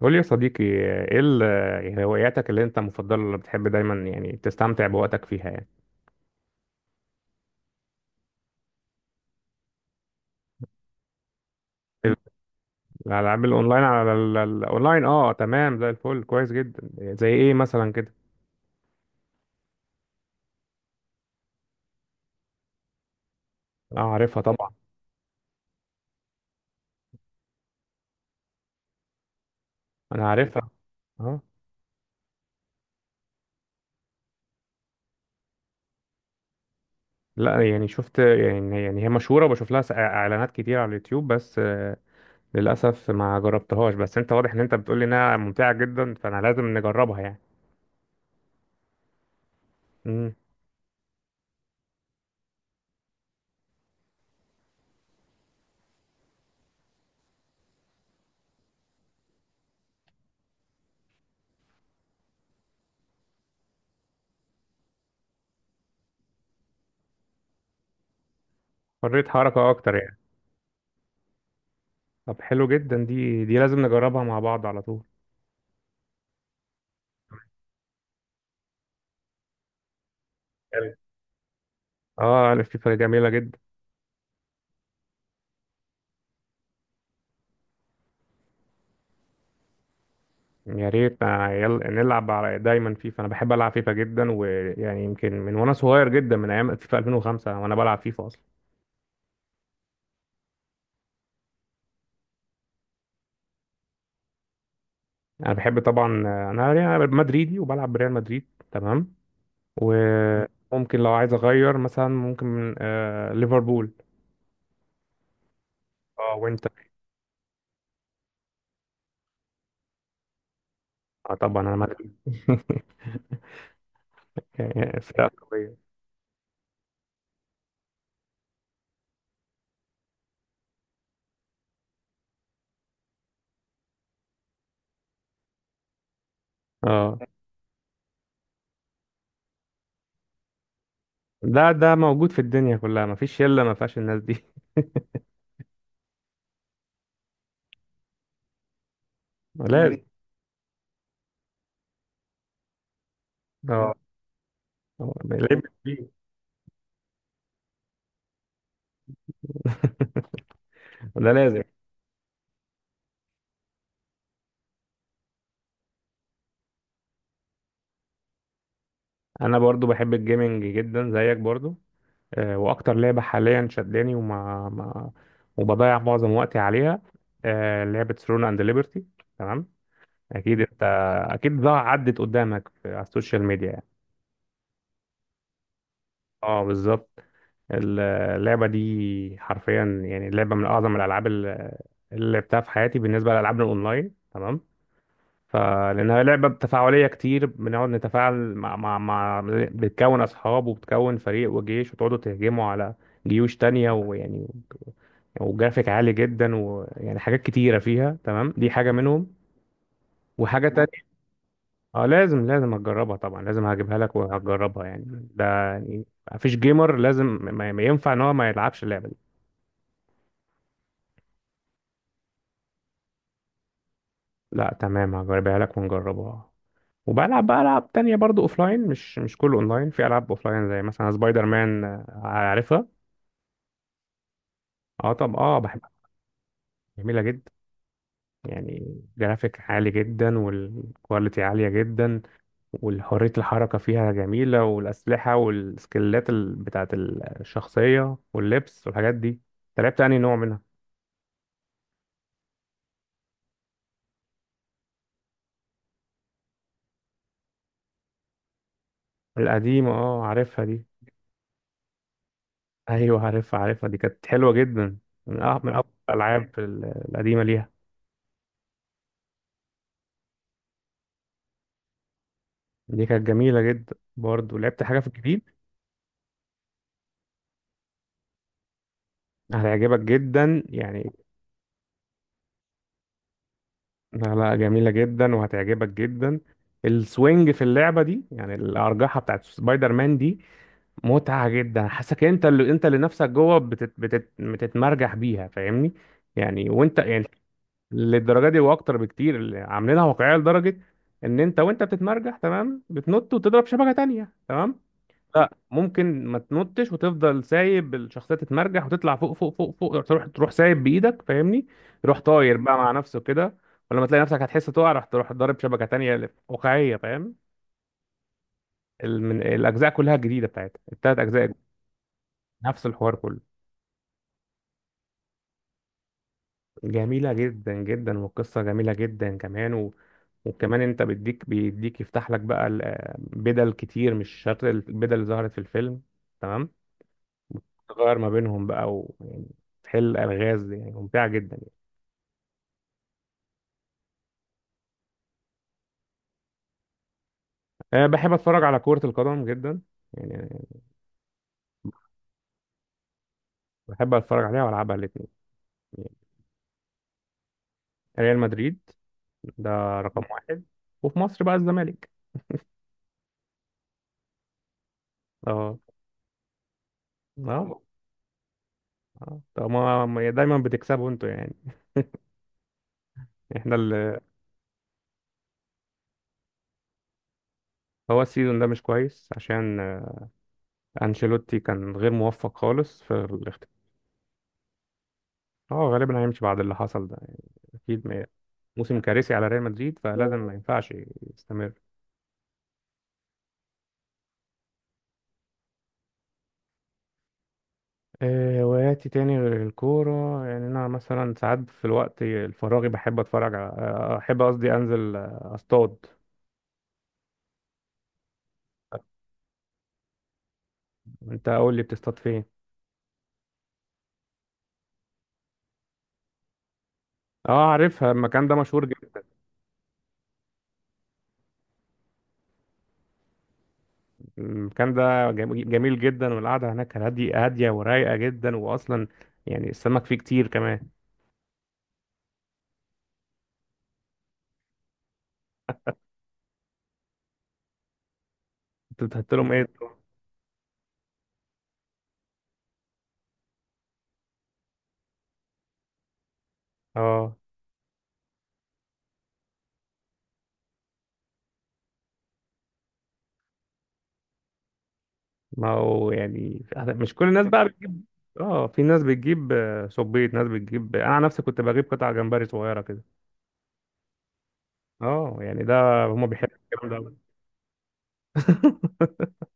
قول لي يا صديقي، ايه يعني هواياتك اللي انت مفضله اللي بتحب دايما يعني تستمتع بوقتك فيها يعني. الالعاب الاونلاين على الاونلاين، اه تمام زي الفل كويس جدا. زي ايه مثلا كده؟ اه عارفها طبعا. انا عارفها. اه لا يعني شفت، يعني هي مشهوره وبشوف لها اعلانات كتير على اليوتيوب، بس للاسف ما جربتهاش، بس انت واضح ان انت بتقول لي انها ممتعه جدا، فانا لازم نجربها يعني. امم. حريه حركه اكتر يعني. طب حلو جدا، دي لازم نجربها مع بعض على طول. اه انا فيفا جميله جدا. يا ريت يلا نلعب على دايما فيفا، انا بحب العب فيفا جدا، ويعني يمكن من وانا صغير جدا من ايام فيفا 2005 وانا بلعب فيفا اصلا. انا بحب طبعا، انا مدريدي وبلعب بريال مدريد تمام. وممكن لو عايز اغير مثلا، ممكن ليفربول. اه وانت؟ اه طبعا انا مدريد يعني فرقه قويه. اه ده موجود في الدنيا كلها، مفيش شله ما فيهاش الناس دي. لازم. مم. اه. لازم. ده لازم. انا برضو بحب الجيمنج جدا زيك برضو، واكتر لعبه حاليا شداني وما ما وبضيع معظم وقتي عليها، لعبه ثرون اند ليبرتي تمام. اكيد انت، اكيد ضاع عدت قدامك على السوشيال ميديا يعني. اه بالظبط. اللعبه دي حرفيا يعني لعبه من اعظم الالعاب اللي لعبتها في حياتي بالنسبه للالعاب الاونلاين تمام. فلأنها لعبة تفاعلية كتير، بنقعد نتفاعل مع بتكون أصحاب وبتكون فريق وجيش وتقعدوا تهجموا على جيوش تانية، ويعني وجرافيك عالي جدا، ويعني حاجات كتيرة فيها تمام، دي حاجة منهم. وحاجة تانية، اه لازم هتجربها طبعا، لازم هجيبها لك وهتجربها يعني، ده يعني مفيش جيمر لازم ما ينفع ان هو ما يلعبش اللعبة دي. لا تمام، هجيبها لك ونجربها. وبلعب بقى العاب تانية برضو اوفلاين، مش كله اونلاين، في العاب اوفلاين زي مثلا سبايدر مان، عارفها. اه طب، اه بحبها. جميلة جدا، يعني جرافيك عالي جدا والكواليتي عالية جدا، وحرية الحركة فيها جميلة، والأسلحة والسكيلات بتاعة الشخصية واللبس والحاجات دي. انت لعبت تاني نوع منها؟ القديمة، اه عارفها دي. ايوه عارفها عارفها دي، كانت حلوة جدا، من أفضل الألعاب القديمة ليها. دي كانت جميلة جدا برضه. لعبت حاجة في الجديد؟ هتعجبك جدا يعني. لا لا، جميلة جدا وهتعجبك جدا. السوينج في اللعبة دي، يعني الأرجحة بتاعت سبايدر مان دي، متعة جدا. حاسك انت، اللي نفسك جوه بتتمرجح بيها، فاهمني يعني، وانت يعني للدرجة دي واكتر بكتير. اللي عاملينها واقعية لدرجة ان انت وانت بتتمرجح تمام، بتنط وتضرب شبكة تانية تمام. لا ممكن ما تنطش وتفضل سايب الشخصيه تتمرجح وتطلع فوق فوق فوق فوق، تروح تروح سايب بايدك، فاهمني، تروح طاير بقى مع نفسه كده. ولما تلاقي نفسك هتحس تقع، راح تروح ضارب شبكه تانية اللي واقعيه، فاهم. من الاجزاء كلها جديده، بتاعتها التلات اجزاء، نفس الحوار كله. جميله جدا جدا، والقصه جميله جدا كمان، وكمان انت بيديك بيديك يفتح لك بقى بدل كتير، مش شرط البدل اللي ظهرت في الفيلم تمام. تغير ما بينهم بقى، ويعني تحل الغاز، يعني ممتعه جدا. أه بحب اتفرج على كرة القدم جدا يعني. بحب اتفرج عليها والعبها الاثنين يعني. ريال مدريد ده رقم واحد، وفي مصر بقى الزمالك. اه. اه. آه. طب ما دايما بتكسبوا انتوا يعني. احنا هو السيزون ده مش كويس، عشان انشيلوتي كان غير موفق خالص في الاختيار. اه غالبا هيمشي بعد اللي حصل ده يعني، اكيد موسم كارثي على ريال مدريد، فلازم ما ينفعش يستمر. هواياتي تاني غير الكورة، يعني أنا مثلا ساعات في الوقت الفراغي بحب أتفرج على أحب، قصدي أنزل أصطاد. أنت قول لي، بتصطاد فين؟ أه عارفها، المكان ده مشهور جدا. المكان ده جميل جدا، والقعدة هناك هادية هادية ورايقة جدا، وأصلا يعني السمك فيه كتير كمان. أنت بتحط لهم إيه؟ أه ما هو يعني مش كل الناس بقى بتجيب. أه في ناس بتجيب صبيط، ناس بتجيب، أنا عن نفسي كنت بجيب قطع جمبري صغيرة كده. اه يعني ده، هما بيحبوا الكلام ده أوي.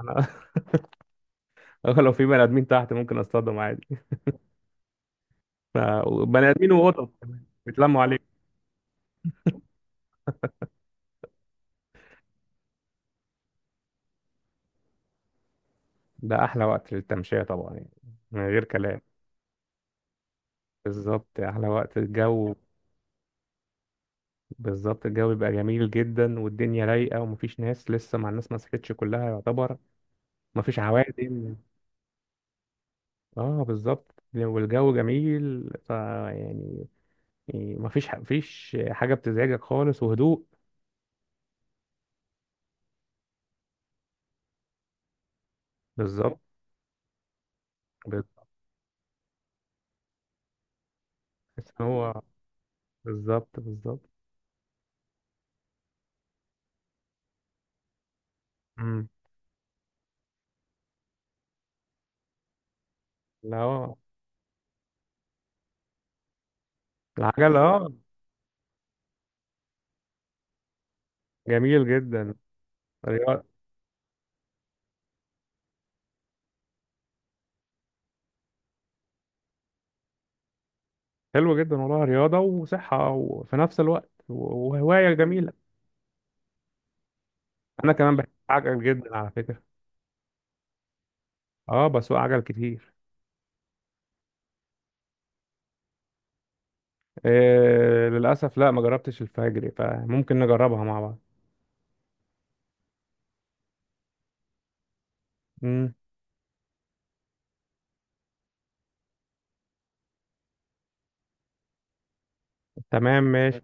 انا لو في بني ادمين تحت ممكن اصطادهم عادي. ف- بني ادمين وقطط كمان بيتلموا عليك. ده احلى وقت للتمشيه طبعا يعني، من غير كلام. بالظبط، احلى وقت الجو. بالظبط، الجو بيبقى جميل جدا، والدنيا رايقه، ومفيش ناس لسه، مع الناس ما صحتش كلها يعتبر، مفيش عوادم. اه بالظبط، والجو جميل، ف يعني مفيش حاجه بتزعجك خالص وهدوء. بالظبط. بتحس ان هو بالظبط بالظبط. امم. لا هو العجل، اه جميل جدا، رياضة. حلو جدا والله، رياضة وصحة وفي نفس الوقت وهواية جميلة. أنا كمان بحب عجل جدا على فكرة. اه بسوق عجل كتير. للأسف لا ما جربتش الفجري، فممكن نجربها مع بعض. امم. تمام ماشي.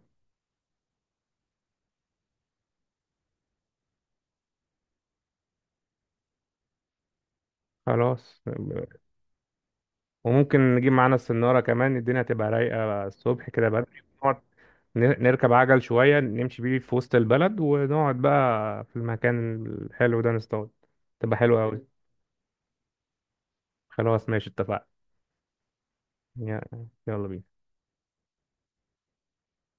خلاص. وممكن نجيب معانا السنارة كمان، الدنيا تبقى رايقة الصبح كده بدري، نقعد نركب عجل شوية، نمشي بيه في وسط البلد، ونقعد بقى في المكان الحلو ده نصطاد، تبقى حلوة أوي. خلاص ماشي، اتفقنا. يا- يلا بينا.